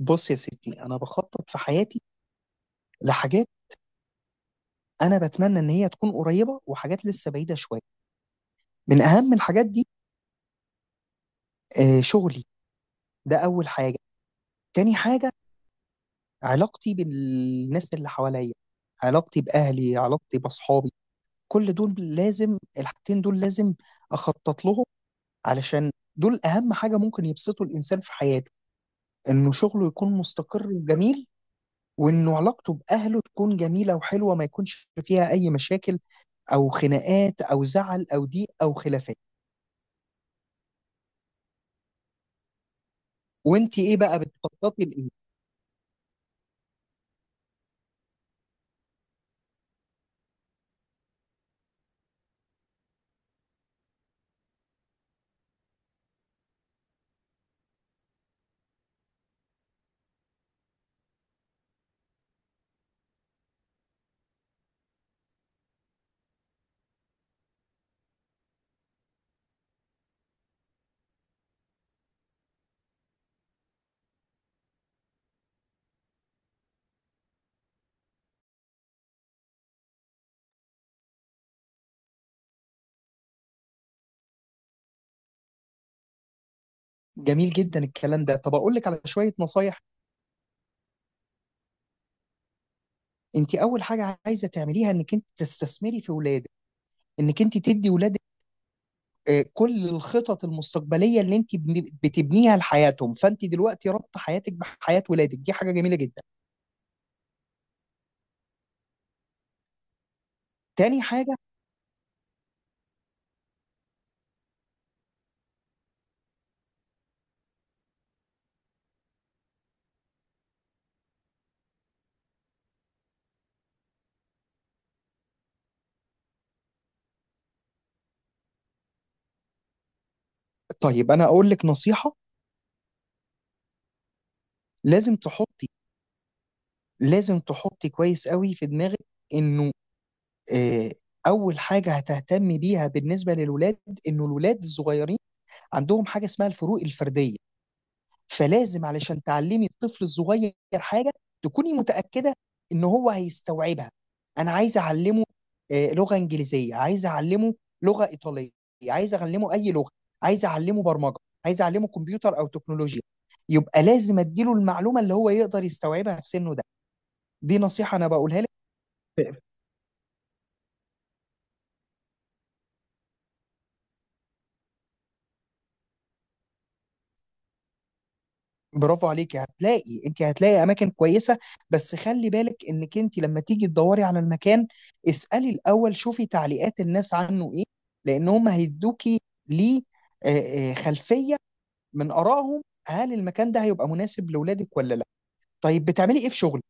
بص يا ستي انا بخطط في حياتي لحاجات. انا بتمنى ان هي تكون قريبه، وحاجات لسه بعيده شويه. من اهم الحاجات دي، شغلي. ده اول حاجه. تاني حاجه، علاقتي بالناس اللي حواليا، علاقتي باهلي، علاقتي باصحابي. كل دول لازم، الحاجتين دول لازم اخطط لهم، علشان دول اهم حاجه ممكن يبسطوا الانسان في حياته. انه شغله يكون مستقر وجميل، وانه علاقته باهله تكون جميله وحلوه، ما يكونش فيها اي مشاكل او خناقات او زعل او ضيق او خلافات. وانت ايه بقى بتخططي لايه؟ جميل جدا الكلام ده. طب اقول لك على شويه نصايح. انت اول حاجه عايزه تعمليها انك انت تستثمري في ولادك، انك انت تدي ولادك كل الخطط المستقبليه اللي انت بتبنيها لحياتهم. فانت دلوقتي ربط حياتك بحياه ولادك دي حاجه جميله جدا. تاني حاجه، طيب انا اقول لك نصيحه. لازم تحطي، لازم تحطي كويس قوي في دماغك انه، آآ أول حاجة هتهتم بيها بالنسبة للولاد، إنه الولاد الصغيّرين عندهم حاجة اسمها الفروق الفردية، فلازم علشان تعلّمي الطفل الصغيّر حاجة، تكوني متأكدة إن هو هيستوعبها. أنا عايزة أعلّمه لغة إنجليزية، عايزة أعلّمه لغة إيطالية، عايزة أعلّمه أي لغة، عايزة أعلّمه برمجة، عايزة أعلّمه كمبيوتر أو تكنولوجيا، يبقى لازم أدّي له المعلومة اللي هو يقدر يستوعبها في سِنُّه ده. دي نصيحة أنا باقولها لِك. برافو عليك. هتلاقي، انت هتلاقي اماكن كويسه، بس خلي بالك انك انت لما تيجي تدوري على المكان اسالي الاول، شوفي تعليقات الناس عنه ايه، لان هم هيدوكي، ليه؟ خلفيه من ارائهم، هل المكان ده هيبقى مناسب لاولادك ولا لا. طيب بتعملي ايه في شغلك؟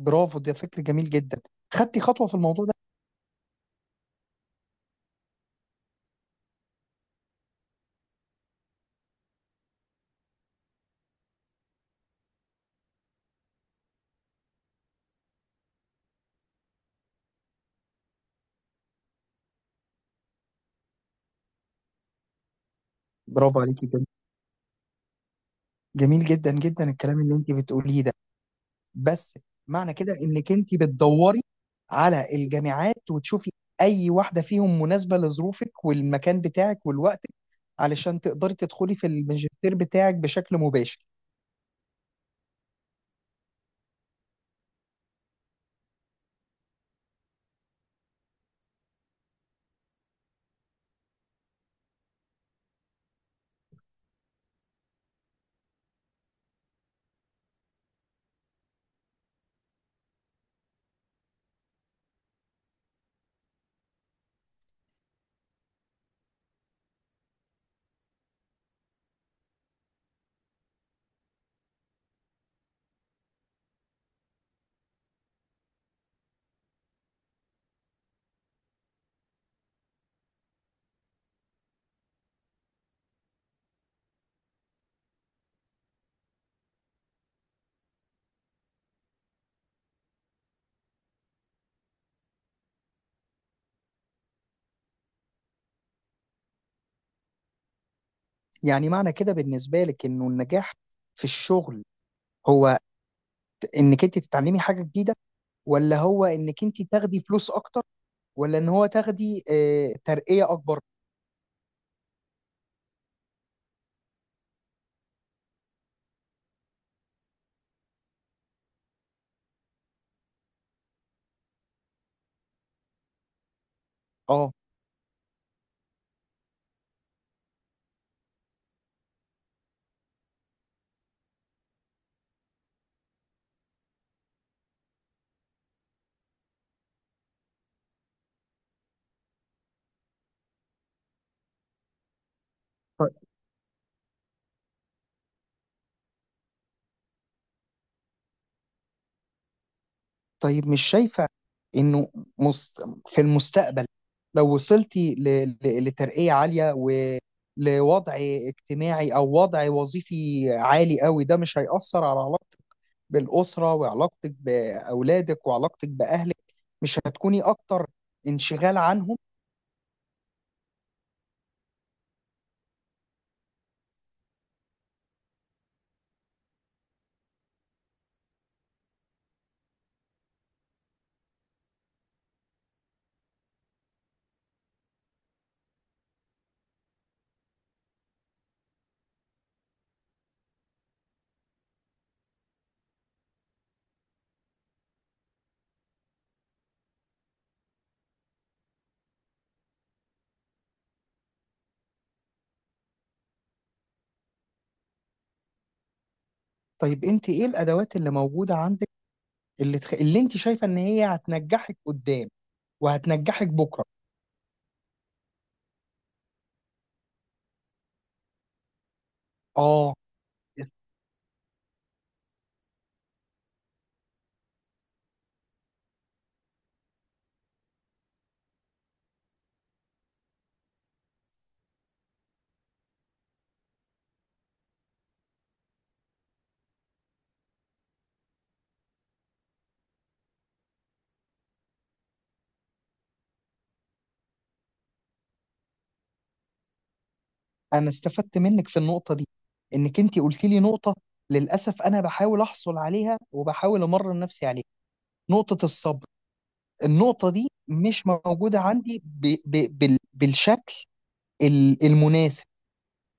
برافو، ده فكر جميل جدا. خدتي خطوه في الموضوع ده؟ برافو عليكي جدا. جميل جدا جدا الكلام اللي انت بتقوليه ده. بس معنى كده انك انت بتدوري على الجامعات وتشوفي اي واحده فيهم مناسبه لظروفك والمكان بتاعك والوقت، علشان تقدري تدخلي في الماجستير بتاعك بشكل مباشر. يعني معنى كده بالنسبه لك انه النجاح في الشغل، هو انك انت تتعلمي حاجه جديده، ولا هو انك انت تاخدي فلوس اكتر، ولا ان هو تاخدي ترقيه اكبر؟ اه. طيب مش شايفة إنه مست... في المستقبل، لو وصلتي لترقية عالية، ولوضع اجتماعي أو وضع وظيفي عالي قوي، ده مش هيأثر على علاقتك بالأسرة، وعلاقتك بأولادك، وعلاقتك بأهلك؟ مش هتكوني أكتر انشغال عنهم؟ طيب أنت إيه الأدوات اللي موجودة عندك، اللي أنت شايفة إن هي هتنجحك قدام وهتنجحك بكرة؟ آه، انا استفدت منك في النقطه دي، انك انت قلت لي نقطه، للاسف انا بحاول احصل عليها وبحاول امرن نفسي عليها، نقطه الصبر. النقطه دي مش موجوده عندي بالشكل المناسب.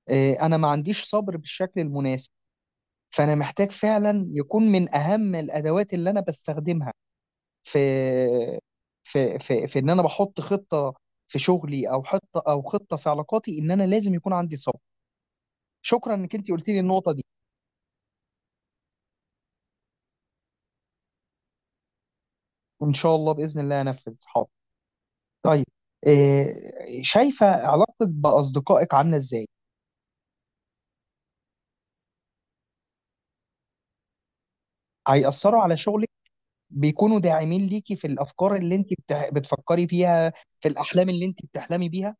انا ما عنديش صبر بالشكل المناسب. فانا محتاج فعلا يكون من اهم الادوات اللي انا بستخدمها في في ان انا بحط خطه في شغلي، او خطه، او خطه في علاقاتي، ان انا لازم يكون عندي صبر. شكرا انك انت قلت لي النقطه دي. ان شاء الله باذن الله انفذ، حاضر. طيب إيه شايفه علاقتك باصدقائك عامله ازاي؟ هيأثروا على شغلك؟ بيكونوا داعمين ليكي في الافكار اللي انت بتفكري فيها، في الاحلام اللي انت بتحلمي بيها؟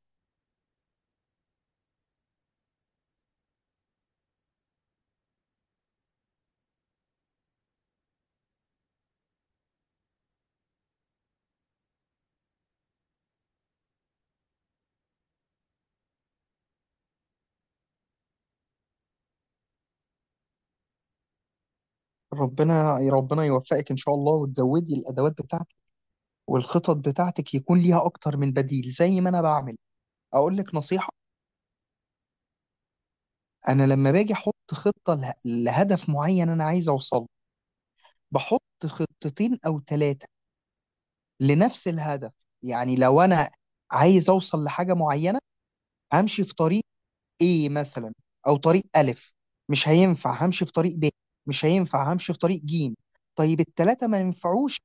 ربنا، ربنا يوفقك ان شاء الله، وتزودي الادوات بتاعتك والخطط بتاعتك يكون ليها اكتر من بديل زي ما انا بعمل. اقول لك نصيحه، انا لما باجي احط خطه لهدف معين انا عايز اوصل، بحط خطتين او ثلاثه لنفس الهدف. يعني لو انا عايز اوصل لحاجه معينه همشي في طريق ايه مثلا، او طريق الف، مش هينفع همشي في طريق ب، مش هينفع همشي في طريق جيم، طيب التلاته ما ينفعوش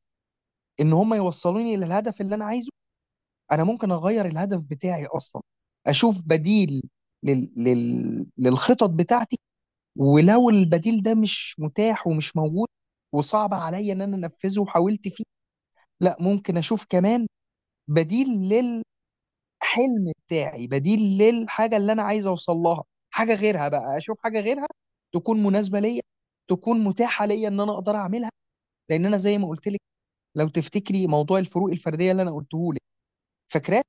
ان هم يوصلوني للهدف اللي انا عايزه، انا ممكن اغير الهدف بتاعي اصلا، اشوف بديل للخطط بتاعتي. ولو البديل ده مش متاح ومش موجود وصعب عليا ان انا انفذه وحاولت فيه، لا ممكن اشوف كمان بديل، حلم بتاعي، بديل للحاجه اللي انا عايز اوصل لها، حاجه غيرها بقى، اشوف حاجه غيرها تكون مناسبه ليا، تكون متاحه ليا ان انا اقدر اعملها. لان انا زي ما قلت لك، لو تفتكري موضوع الفروق الفرديه اللي انا قلته لك، فاكراه؟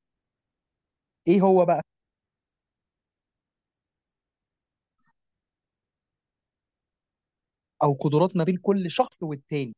ايه هو بقى؟ او قدرات ما بين كل شخص والتاني.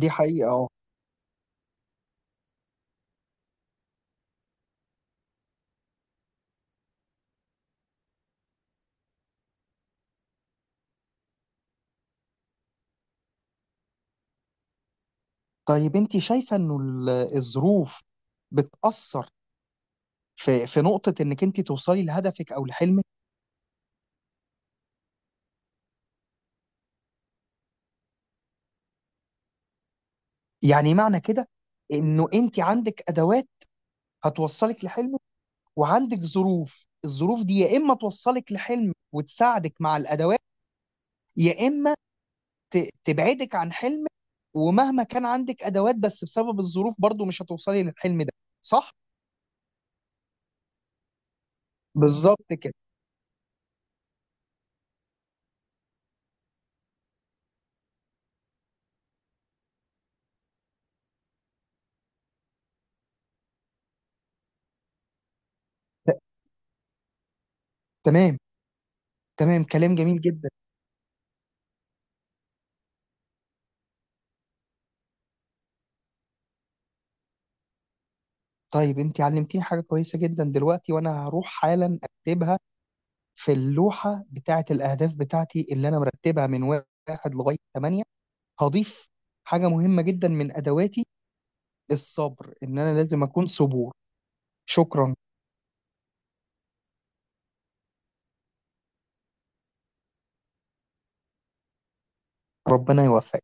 دي حقيقه، اه. طيب انت شايفه انه الظروف بتاثر في، في نقطه انك انت توصلي لهدفك او لحلمك؟ يعني معنى كده انه انت عندك ادوات هتوصلك لحلمك، وعندك ظروف، الظروف دي يا اما توصلك لحلم وتساعدك مع الادوات، يا اما تبعدك عن حلم. ومهما كان عندك ادوات، بس بسبب الظروف برضو مش هتوصلي للحلم ده، صح؟ بالظبط كده. ت- تمام. تمام، كلام جميل جدا. طيب انت علمتيني حاجه كويسه جدا دلوقتي، وانا هروح حالا اكتبها في اللوحه بتاعه الاهداف بتاعتي اللي انا مرتبها من 1 لغايه 8. هضيف حاجه مهمه جدا من ادواتي، الصبر، ان انا لازم اكون صبور. شكرا. ربنا يوفقك.